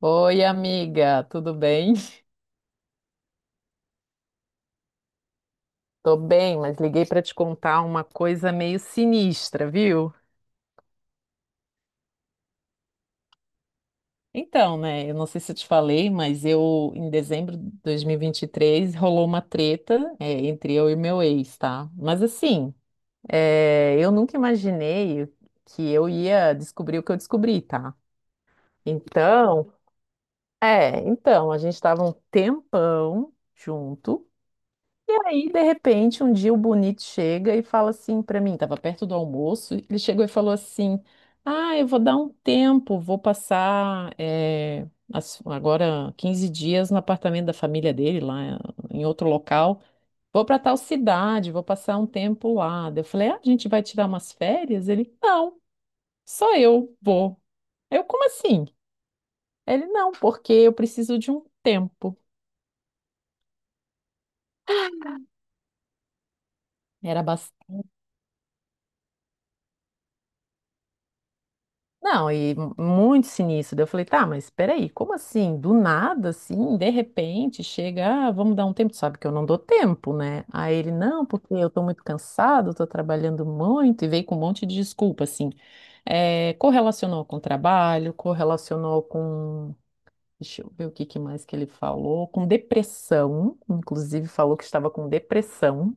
Oi, amiga, tudo bem? Tô bem, mas liguei para te contar uma coisa meio sinistra, viu? Então, né, eu não sei se eu te falei, mas eu, em dezembro de dois mil e vinte e três rolou uma treta, entre eu e meu ex, tá? Mas assim, eu nunca imaginei que eu ia descobrir o que eu descobri, tá? Então, a gente estava um tempão junto. E aí, de repente, um dia o Bonito chega e fala assim pra mim, tava perto do almoço, ele chegou e falou assim: Ah, eu vou dar um tempo, vou passar agora 15 dias no apartamento da família dele, lá em outro local. Vou pra tal cidade, vou passar um tempo lá. Daí eu falei: Ah, a gente vai tirar umas férias? Ele: Não, só eu vou. Eu, como assim? Ele: Não, porque eu preciso de um tempo. Era bastante. Não, e muito sinistro. Daí eu falei, tá, mas peraí, como assim? Do nada, assim, de repente, chega, ah, vamos dar um tempo. Tu sabe que eu não dou tempo, né? Aí ele, não, porque eu tô muito cansado, tô trabalhando muito, e veio com um monte de desculpa, assim. É, correlacionou com o trabalho, correlacionou com. Deixa eu ver o que que mais que ele falou. Com depressão, inclusive falou que estava com depressão.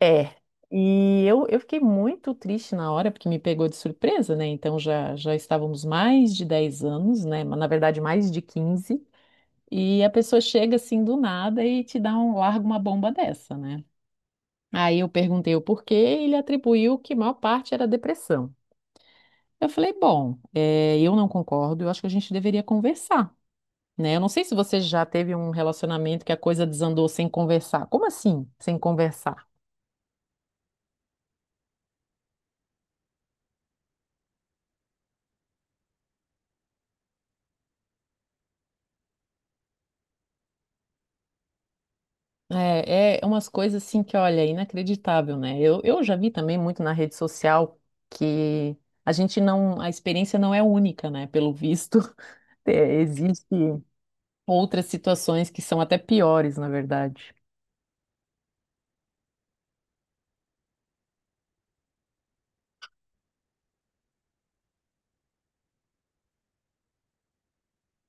É, e eu fiquei muito triste na hora, porque me pegou de surpresa, né? Então já, já estávamos mais de 10 anos, né? Mas, na verdade, mais de 15. E a pessoa chega assim do nada e te dá um, larga uma bomba dessa, né? Aí eu perguntei o porquê, e ele atribuiu que a maior parte era depressão. Eu falei, bom, é, eu não concordo, eu acho que a gente deveria conversar, né? Eu não sei se você já teve um relacionamento que a coisa desandou sem conversar. Como assim, sem conversar? É, é umas coisas assim que, olha, é inacreditável, né? Eu já vi também muito na rede social que a gente não, a experiência não é única, né? Pelo visto, é, existe outras situações que são até piores, na verdade.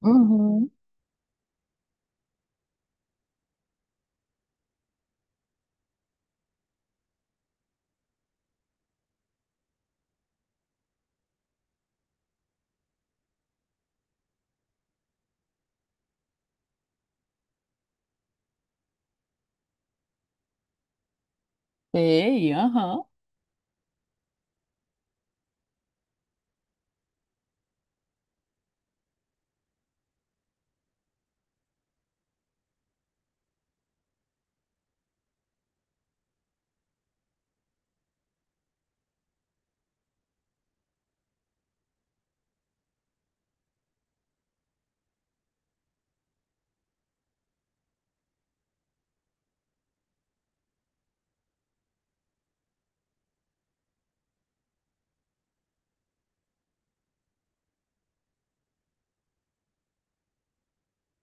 Uhum. Sei, aham.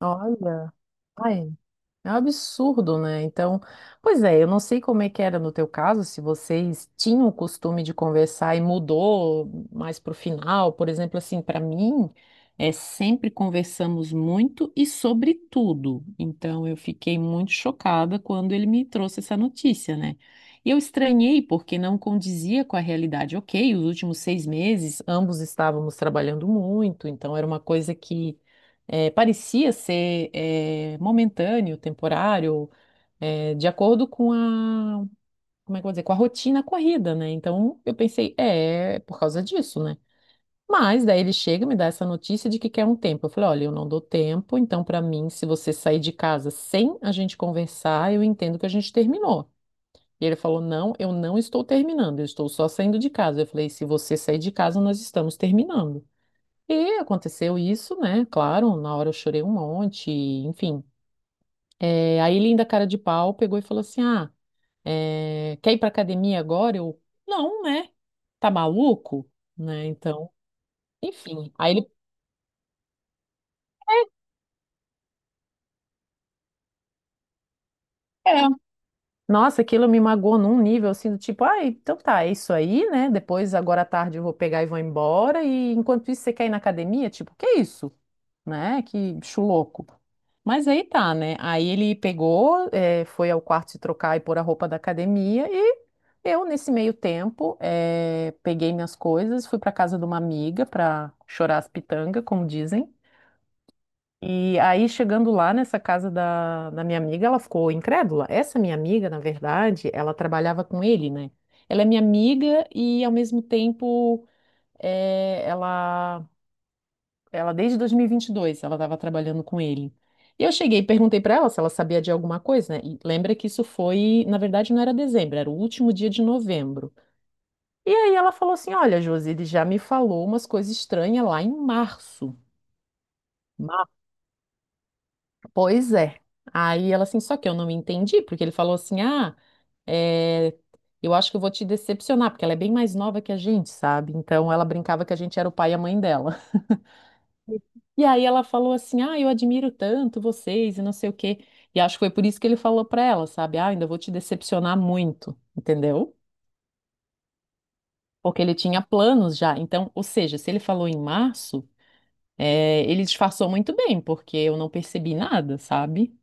Olha. Ai, é um absurdo, né? Então, pois é, eu não sei como é que era no teu caso, se vocês tinham o costume de conversar e mudou mais pro final, por exemplo, assim, para mim, é sempre conversamos muito e sobre tudo. Então, eu fiquei muito chocada quando ele me trouxe essa notícia, né? E eu estranhei porque não condizia com a realidade. Ok, os últimos 6 meses, ambos estávamos trabalhando muito, então era uma coisa que parecia ser momentâneo, temporário, de acordo com a, como é que eu vou dizer, com a rotina corrida, né? Então eu pensei, é, é por causa disso, né? Mas daí ele chega e me dá essa notícia de que quer um tempo. Eu falei, olha, eu não dou tempo, então para mim, se você sair de casa sem a gente conversar, eu entendo que a gente terminou. E ele falou, não, eu não estou terminando, eu estou só saindo de casa. Eu falei, se você sair de casa, nós estamos terminando. E aconteceu isso, né? Claro, na hora eu chorei um monte, enfim. É, aí ele, ainda cara de pau, pegou e falou assim: Ah, é, quer ir pra academia agora? Eu, não, né? Tá maluco? Né? Então, enfim. Aí ele, é. Nossa, aquilo me magoou num nível assim do tipo: Ah, então tá, é isso aí, né? Depois, agora à tarde, eu vou pegar e vou embora. E enquanto isso, você quer ir na academia? Tipo, que isso? Né? Que bicho louco. Mas aí tá, né? Aí ele pegou, foi ao quarto se trocar e pôr a roupa da academia e eu, nesse meio tempo, peguei minhas coisas, fui para casa de uma amiga para chorar as pitangas, como dizem. E aí, chegando lá nessa casa da minha amiga, ela ficou incrédula. Essa minha amiga, na verdade, ela trabalhava com ele, né? Ela é minha amiga e, ao mesmo tempo, eh, ela ela desde 2022, ela estava trabalhando com ele. E eu cheguei e perguntei para ela se ela sabia de alguma coisa, né? E lembra que isso foi, na verdade, não era dezembro, era o último dia de novembro. E aí ela falou assim: Olha, Josi, ele já me falou umas coisas estranhas lá em março. Ma- Pois é. Aí ela assim, só que eu não me entendi, porque ele falou assim: Ah, é, eu acho que eu vou te decepcionar, porque ela é bem mais nova que a gente, sabe? Então ela brincava que a gente era o pai e a mãe dela. E aí ela falou assim: "Ah, eu admiro tanto vocês e não sei o quê". E acho que foi por isso que ele falou pra ela, sabe? "Ah, ainda vou te decepcionar muito", entendeu? Porque ele tinha planos já. Então, ou seja, se ele falou em março, ele disfarçou muito bem, porque eu não percebi nada, sabe?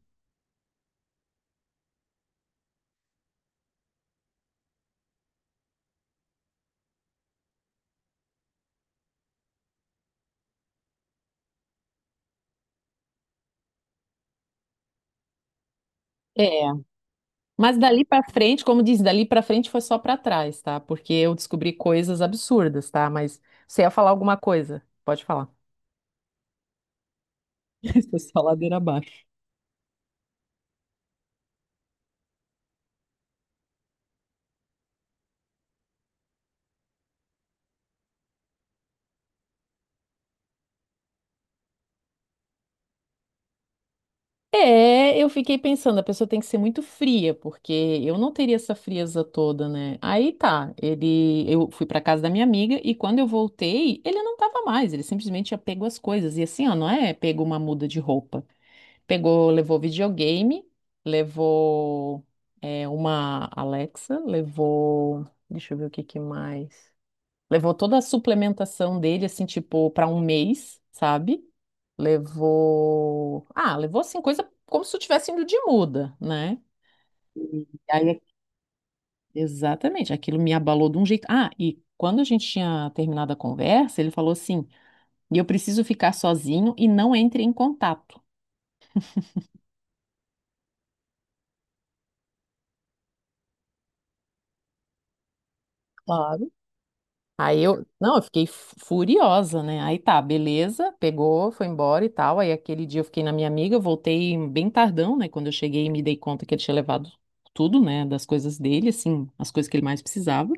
É, mas dali pra frente, como diz, dali pra frente foi só pra trás, tá? Porque eu descobri coisas absurdas, tá? Mas você ia falar alguma coisa? Pode falar. Foi só ladeira abaixo. É, eu fiquei pensando, a pessoa tem que ser muito fria, porque eu não teria essa frieza toda, né? Aí tá, ele, eu fui pra casa da minha amiga e quando eu voltei, ele não tava mais, ele simplesmente tinha pego as coisas. E assim, ó, não é pegou uma muda de roupa. Pegou, levou videogame, levou uma Alexa, levou, deixa eu ver o que que mais. Levou toda a suplementação dele, assim, tipo, para um mês, sabe? Levou. Ah, levou, assim, coisa como se eu tivesse indo de muda, né? E aí, exatamente, aquilo me abalou de um jeito. Ah, e quando a gente tinha terminado a conversa, ele falou assim: e eu preciso ficar sozinho e não entre em contato. Aí eu, não, eu fiquei furiosa, né? Aí tá, beleza, pegou, foi embora e tal. Aí aquele dia eu fiquei na minha amiga, voltei bem tardão, né? Quando eu cheguei, me dei conta que ele tinha levado tudo, né? Das coisas dele, assim, as coisas que ele mais precisava.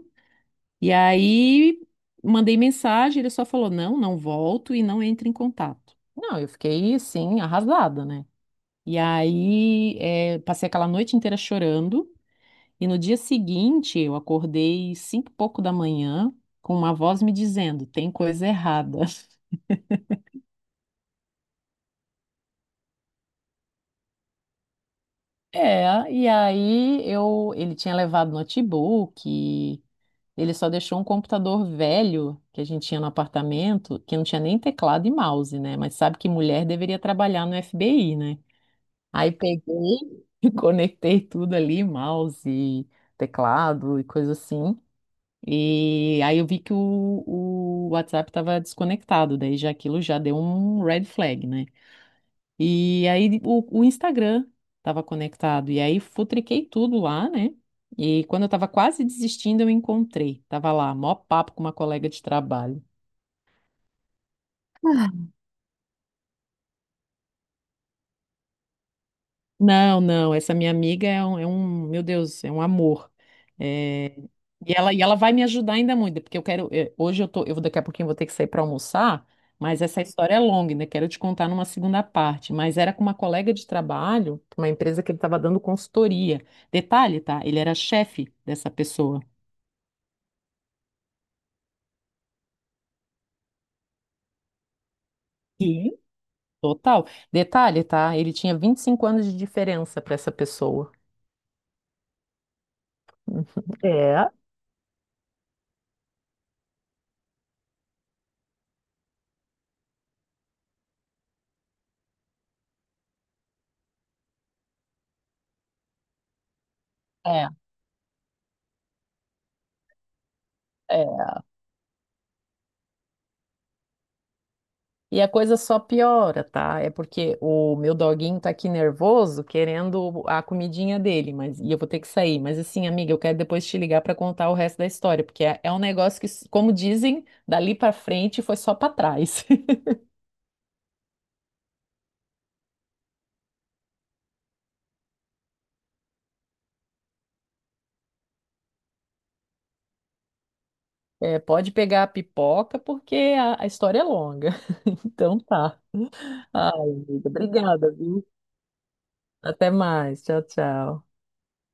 E aí mandei mensagem, ele só falou: não, não volto e não entre em contato. Não, eu fiquei assim, arrasada, né? E aí passei aquela noite inteira chorando. E no dia seguinte, eu acordei cinco e pouco da manhã com uma voz me dizendo, tem coisa errada. É, e aí eu, ele tinha levado notebook, e ele só deixou um computador velho que a gente tinha no apartamento, que não tinha nem teclado e mouse, né? Mas sabe que mulher deveria trabalhar no FBI, né? Aí peguei, conectei tudo ali, mouse, teclado e coisa assim, e aí eu vi que o WhatsApp estava desconectado, daí já aquilo já deu um red flag, né? E aí o Instagram estava conectado, e aí futriquei tudo lá, né? E quando eu estava quase desistindo, eu encontrei. Tava lá, mó papo com uma colega de trabalho. Não, não, essa minha amiga é meu Deus, é um amor. É, e ela vai me ajudar ainda muito, porque eu quero, hoje eu tô, daqui a pouquinho eu vou ter que sair para almoçar, mas essa história é longa, ainda quero te contar numa segunda parte, mas era com uma colega de trabalho, uma empresa que ele estava dando consultoria. Detalhe, tá? Ele era chefe dessa pessoa. Sim. Total. Detalhe, tá? Ele tinha 25 anos de diferença para essa pessoa. É. É, é. E a coisa só piora, tá? É porque o meu doguinho tá aqui nervoso, querendo a comidinha dele, mas e eu vou ter que sair. Mas assim, amiga, eu quero depois te ligar para contar o resto da história, porque é, é um negócio que, como dizem, dali para frente foi só para trás. É, pode pegar a pipoca, porque a história é longa. Então tá. Ai, amiga, obrigada, viu? Até mais. Tchau, tchau.